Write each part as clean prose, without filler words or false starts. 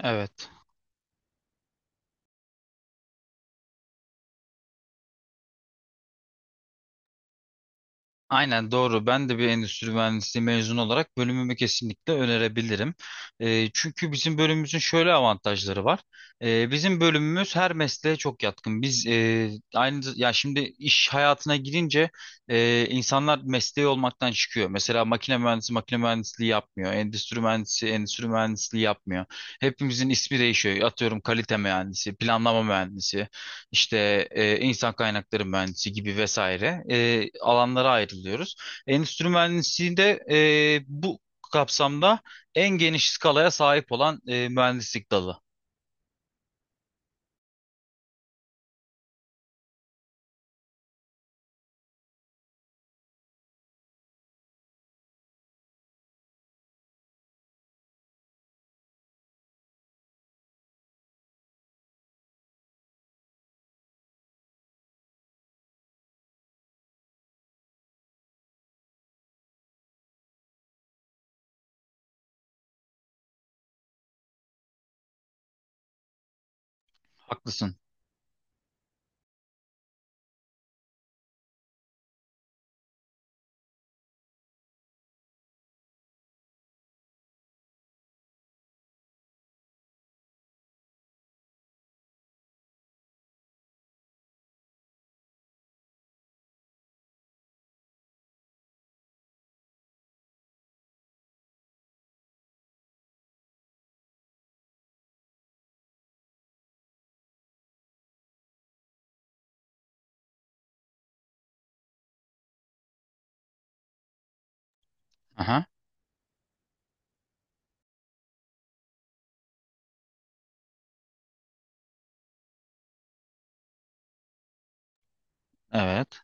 Evet. Aynen doğru. Ben de bir endüstri mühendisliği mezunu olarak bölümümü kesinlikle önerebilirim. Çünkü bizim bölümümüzün şöyle avantajları var. Bizim bölümümüz her mesleğe çok yatkın. Biz aynı ya şimdi iş hayatına girince insanlar mesleği olmaktan çıkıyor. Mesela makine mühendisi makine mühendisliği yapmıyor. Endüstri mühendisi endüstri mühendisliği yapmıyor. Hepimizin ismi değişiyor. Atıyorum kalite mühendisi, planlama mühendisi. İşte insan kaynakları mühendisi gibi vesaire alanlara ayrılıyoruz. Endüstri mühendisliğinde bu kapsamda en geniş skalaya sahip olan mühendislik dalı. Haklısın. Aha, evet.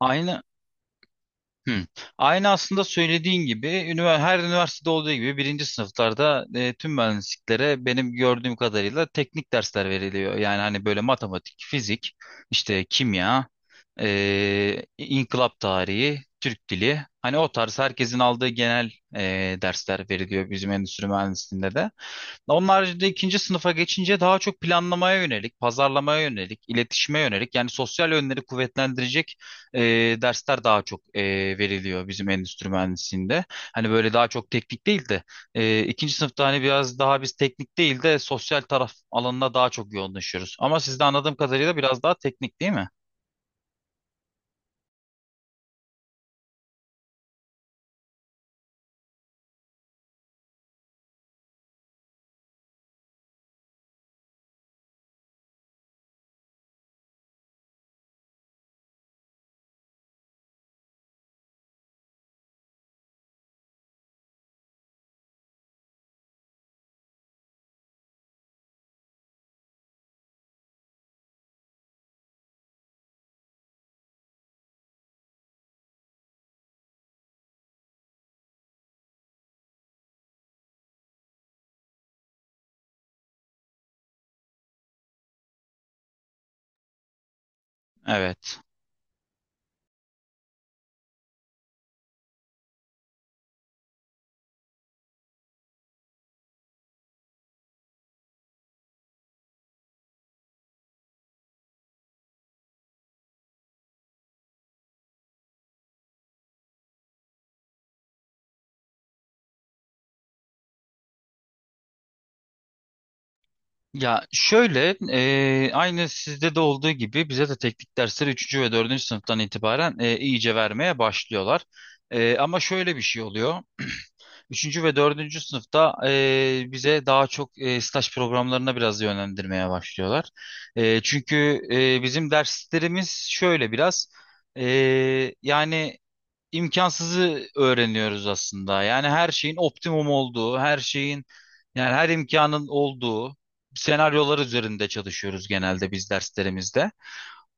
Aynı. Hı. Aynı aslında söylediğin gibi her üniversitede olduğu gibi birinci sınıflarda tüm mühendisliklere benim gördüğüm kadarıyla teknik dersler veriliyor. Yani hani böyle matematik, fizik, işte kimya, inkılap tarihi, Türk dili. Hani o tarz herkesin aldığı genel dersler veriliyor bizim endüstri mühendisliğinde de. Onun haricinde ikinci sınıfa geçince daha çok planlamaya yönelik, pazarlamaya yönelik, iletişime yönelik yani sosyal yönleri kuvvetlendirecek e, dersler daha çok veriliyor bizim endüstri mühendisliğinde. Hani böyle daha çok teknik değil de ikinci sınıfta hani biraz daha biz teknik değil de sosyal taraf alanına daha çok yoğunlaşıyoruz. Ama siz de anladığım kadarıyla biraz daha teknik değil mi? Evet. Ya şöyle aynı sizde de olduğu gibi bize de teknik dersleri üçüncü ve dördüncü sınıftan itibaren iyice vermeye başlıyorlar. Ama şöyle bir şey oluyor. Üçüncü ve dördüncü sınıfta bize daha çok staj programlarına biraz yönlendirmeye başlıyorlar. Çünkü bizim derslerimiz şöyle biraz e, yani imkansızı öğreniyoruz aslında. Yani her şeyin optimum olduğu, her şeyin yani her imkanın olduğu senaryolar üzerinde çalışıyoruz genelde biz derslerimizde.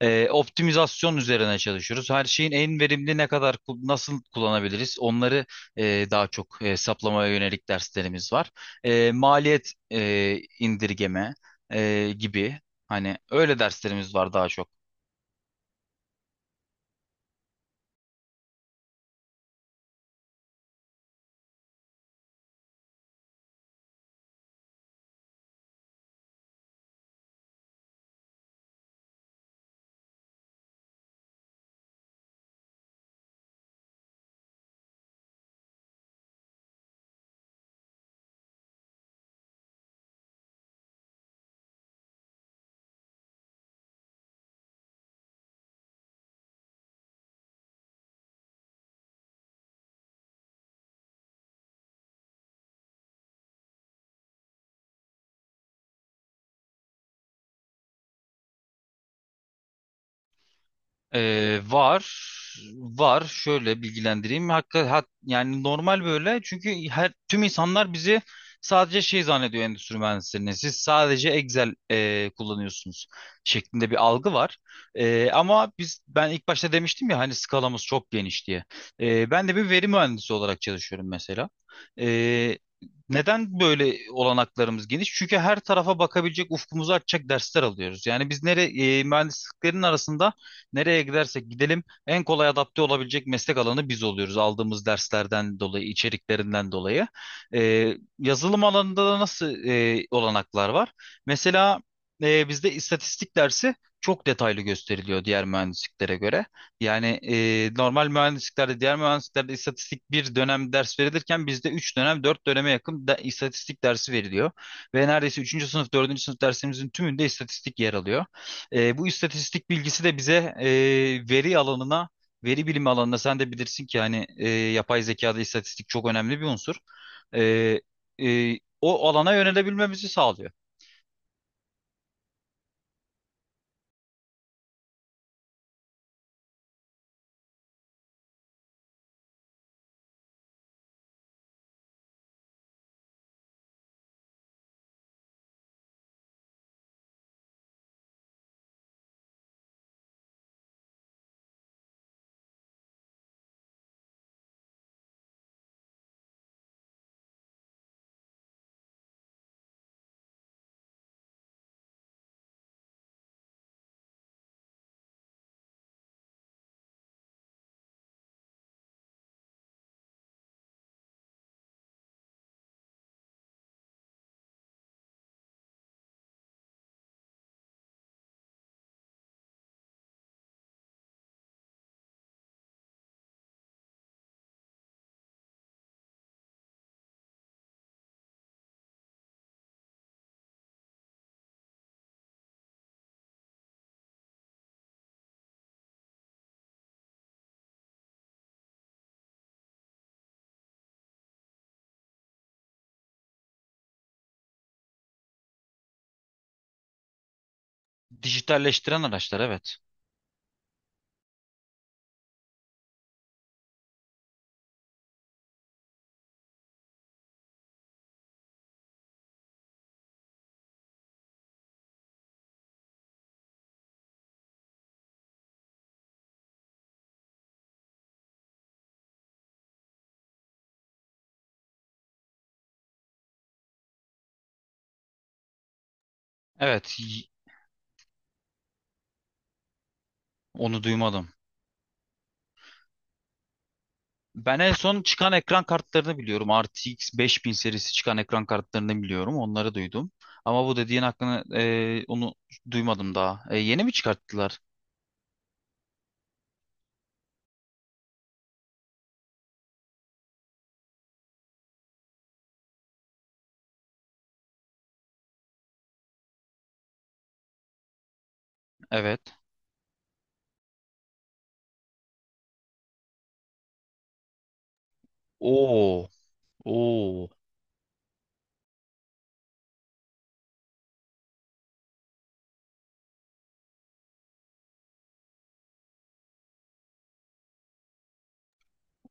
Optimizasyon üzerine çalışıyoruz. Her şeyin en verimli ne kadar nasıl kullanabiliriz? Onları daha çok hesaplamaya yönelik derslerimiz var. Maliyet indirgeme gibi hani öyle derslerimiz var daha çok. Var. Var. Şöyle bilgilendireyim. Hakikaten yani normal böyle. Çünkü her tüm insanlar bizi sadece şey zannediyor endüstri mühendislerini. Siz sadece Excel kullanıyorsunuz şeklinde bir algı var. Ama biz ben ilk başta demiştim ya hani skalamız çok geniş diye. Ben de bir veri mühendisi olarak çalışıyorum mesela. E, Neden böyle olanaklarımız geniş? Çünkü her tarafa bakabilecek ufkumuzu açacak dersler alıyoruz. Yani biz nereye mühendisliklerin arasında nereye gidersek gidelim en kolay adapte olabilecek meslek alanı biz oluyoruz aldığımız derslerden dolayı, içeriklerinden dolayı. Yazılım alanında da nasıl olanaklar var? Mesela bizde istatistik dersi çok detaylı gösteriliyor diğer mühendisliklere göre. Yani normal mühendisliklerde, diğer mühendisliklerde istatistik bir dönem ders verilirken bizde 3 dönem, 4 döneme yakın da, istatistik dersi veriliyor. Ve neredeyse üçüncü sınıf, dördüncü sınıf dersimizin tümünde istatistik yer alıyor. Bu istatistik bilgisi de bize e, veri alanına, veri bilimi alanına sen de bilirsin ki hani yapay zekada istatistik çok önemli bir unsur. E, O alana yönelebilmemizi sağlıyor. Dijitalleştiren araçlar, evet. Evet, onu duymadım. Ben en son çıkan ekran kartlarını biliyorum. RTX 5000 serisi çıkan ekran kartlarını biliyorum. Onları duydum. Ama bu dediğin hakkını onu duymadım daha. Yeni mi çıkarttılar? Evet. Oo. Oo.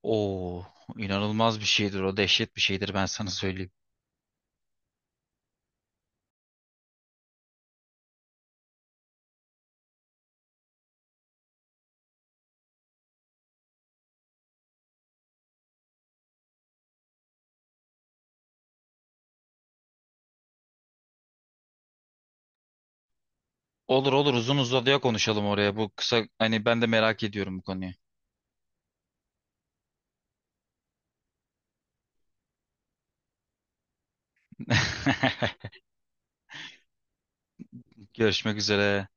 Oo, inanılmaz bir şeydir o, dehşet bir şeydir ben sana söyleyeyim. Olur olur, uzun uzadıya konuşalım oraya, bu kısa hani ben de merak ediyorum bu konuyu. Görüşmek üzere.